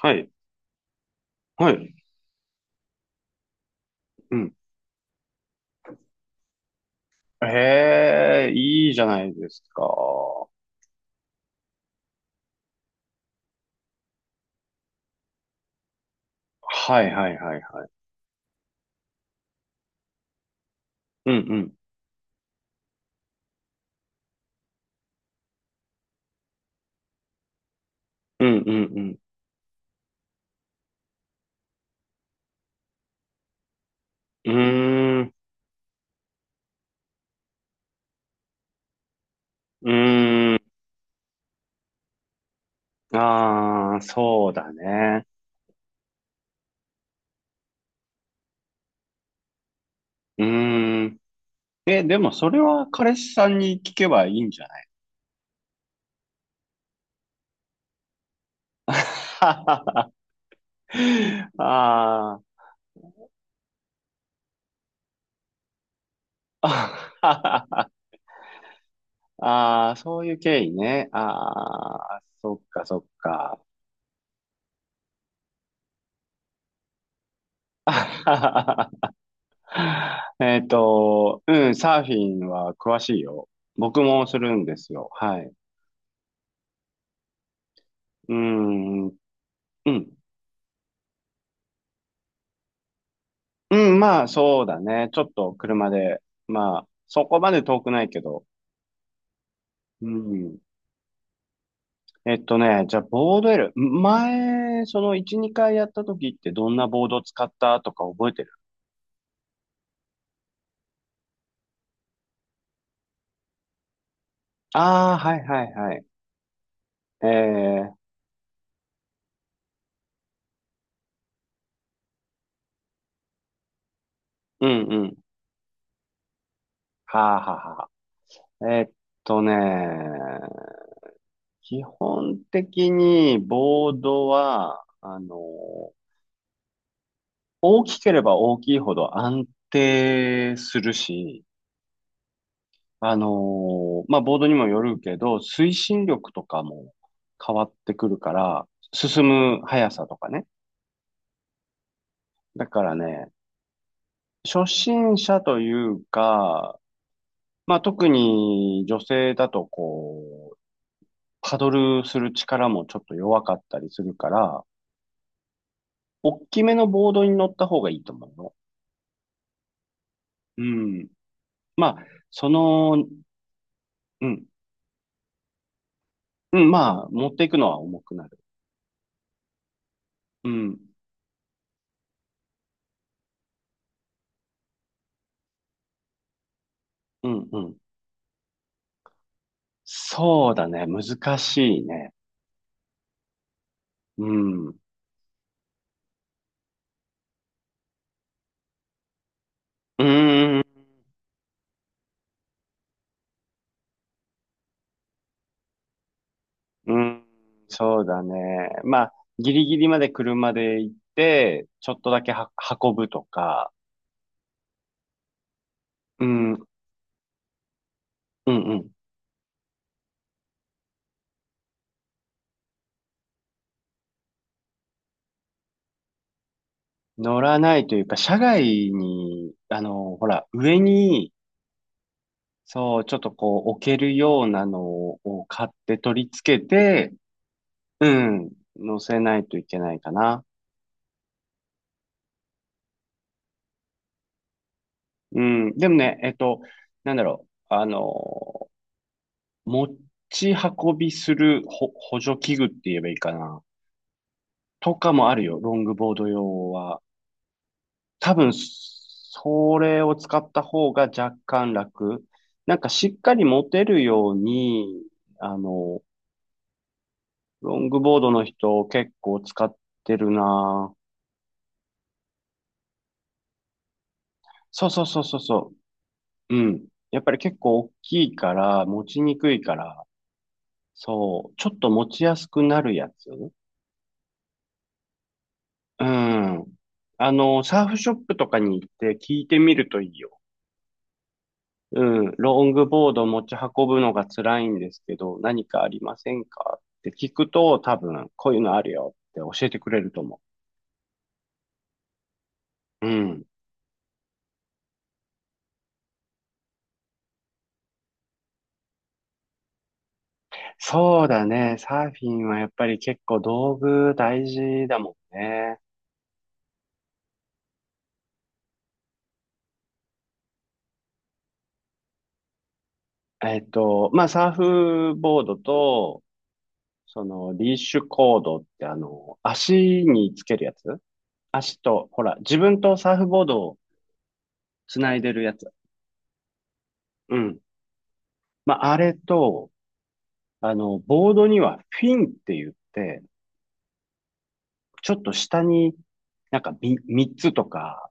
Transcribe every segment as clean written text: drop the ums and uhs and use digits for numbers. はい。はい。うん。ええ、いいじゃないですか。はいはいはいはい。うんうん。うんうんうん。うーん。うーん。ああ、そうだね。うーん。え、でもそれは彼氏さんに聞けばいいんじゃない？ ああ。ああ、そういう経緯ね。ああ、そっかそっか。うん、サーフィンは詳しいよ。僕もするんですよ。はい。うん、うん。うん、まあ、そうだね。ちょっと車で。まあ、そこまで遠くないけど。うん。じゃあ、ボード L。前、その1、2回やった時ってどんなボード使ったとか覚えてる？ああ、はいはいはい。ええ、うんうん。はあはあはあ。とね、基本的にボードは、大きければ大きいほど安定するし、まあ、ボードにもよるけど、推進力とかも変わってくるから、進む速さとかね。だからね、初心者というか、まあ、特に女性だとこう、パドルする力もちょっと弱かったりするから、大きめのボードに乗った方がいいと思うの。うん。まあ、うん、うん、まあ、持っていくのは重くなる。うん、うん、うん。そうだね、難しいね。うん、うーん、うん、そうだね。まあ、ギリギリまで車で行って、ちょっとだけは運ぶとか、うん、うん、うん。乗らないというか、車外に、ほら、上に、そう、ちょっとこう、置けるようなのを買って取り付けて、うん、乗せないといけないかな。うん、でもね、なんだろう、持ち運びするほ補助器具って言えばいいかな。とかもあるよ、ロングボード用は。多分、それを使った方が若干楽。なんかしっかり持てるように、あの、ロングボードの人結構使ってるな。そうそうそうそうそう。うん。やっぱり結構大きいから、持ちにくいから、そう、ちょっと持ちやすくなるやつ。うん。サーフショップとかに行って聞いてみるといいよ。うん。ロングボード持ち運ぶのが辛いんですけど、何かありませんかって聞くと、多分、こういうのあるよって教えてくれると思う。うん。そうだね。サーフィンはやっぱり結構道具大事だもんね。まあ、サーフボードと、リーシュコードって足につけるやつ、足と、ほら、自分とサーフボードをつないでるやつ。うん。まあ、あれと、ボードにはフィンって言って、ちょっと下になんかみ三つとか、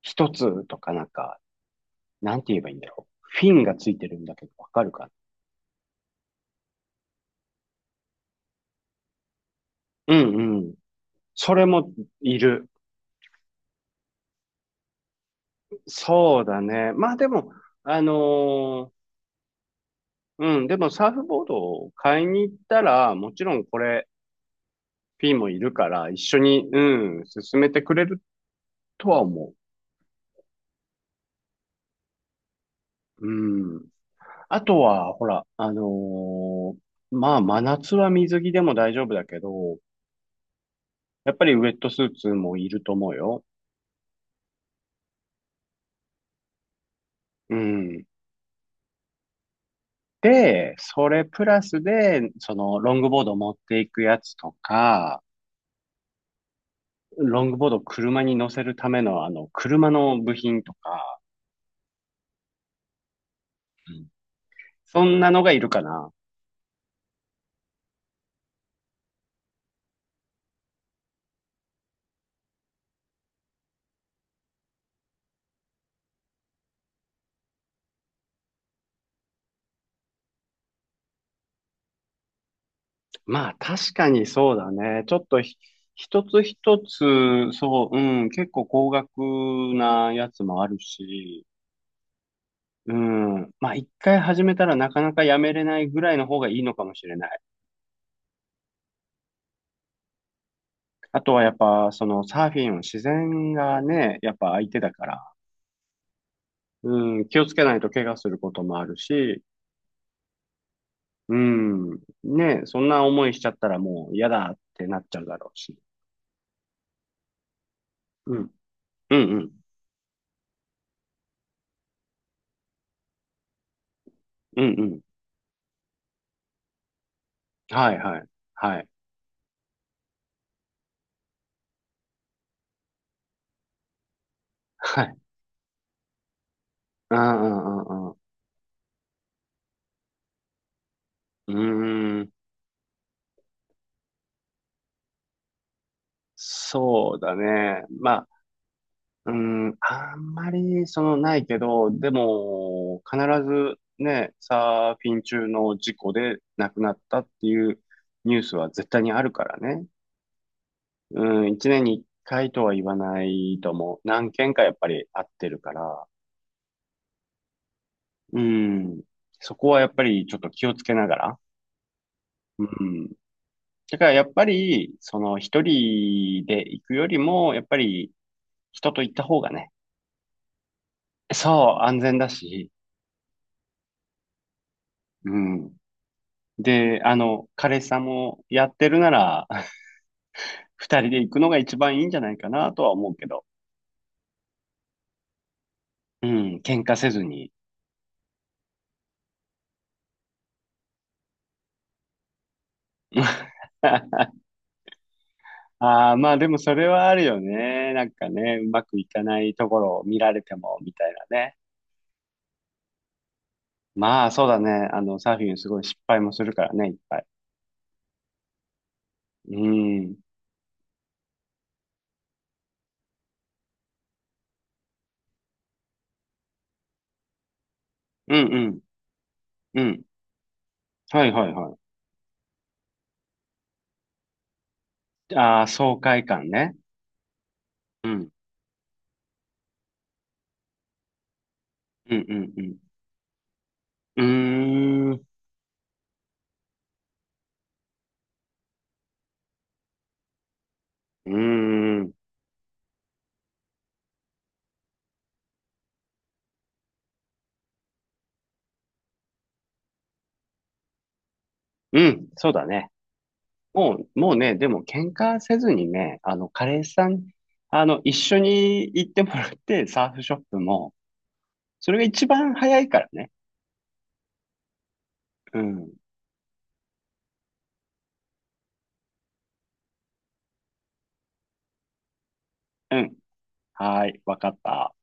一つとかなんか、なんて言えばいいんだろう。フィンがついてるんだけど、わかるかな？うんうん。それもいる。そうだね。まあでも、あのーうん、でもサーフボードを買いに行ったら、もちろんこれ、フィンもいるから、一緒に、うん、進めてくれるとは思う。うん。あとは、ほら、まあ、真夏は水着でも大丈夫だけど、やっぱりウェットスーツもいると思うよ。うん。で、それプラスで、ロングボード持っていくやつとか、ロングボードを車に乗せるための、車の部品とか、うん、そんなのがいるかな。まあ、確かにそうだね。ちょっとひ、一つ一つ、そう、うん、結構高額なやつもあるし、うん。まあ、一回始めたらなかなかやめれないぐらいの方がいいのかもしれない。あとはやっぱ、そのサーフィンは自然がね、やっぱ相手だから、うん、気をつけないと怪我することもあるし、うん、ね、そんな思いしちゃったらもう嫌だってなっちゃうだろうし。うん、うん、うん、うん、うん。はい、はい、はい、はい。うん、うん、うん、うん。うーん、そうだね。ま、うん、あんまり、ないけど、でも、必ずね、サーフィン中の事故で亡くなったっていうニュースは絶対にあるからね。うん、1年に1回とは言わないと思う。何件かやっぱりあってるから。うん、そこはやっぱりちょっと気をつけながら。うん。だからやっぱり、一人で行くよりも、やっぱり、人と行った方がね、そう、安全だし、うん。で、彼氏さんもやってるなら、二人で行くのが一番いいんじゃないかなとは思うけど。うん、喧嘩せずに。ああ、まあでもそれはあるよね。なんかね、うまくいかないところを見られても、みたいなね。まあそうだね。サーフィンすごい失敗もするからね、いっぱい。うん。うんうん。うん。はいはいはい。ああ、爽快感ね。うん。うんうんうん。うーん。うーん。うん。そうだね。もう、もうね、でも喧嘩せずにね、彼氏さん、一緒に行ってもらって、サーフショップも、それが一番早いからね。うん、うん、はーい、わかった。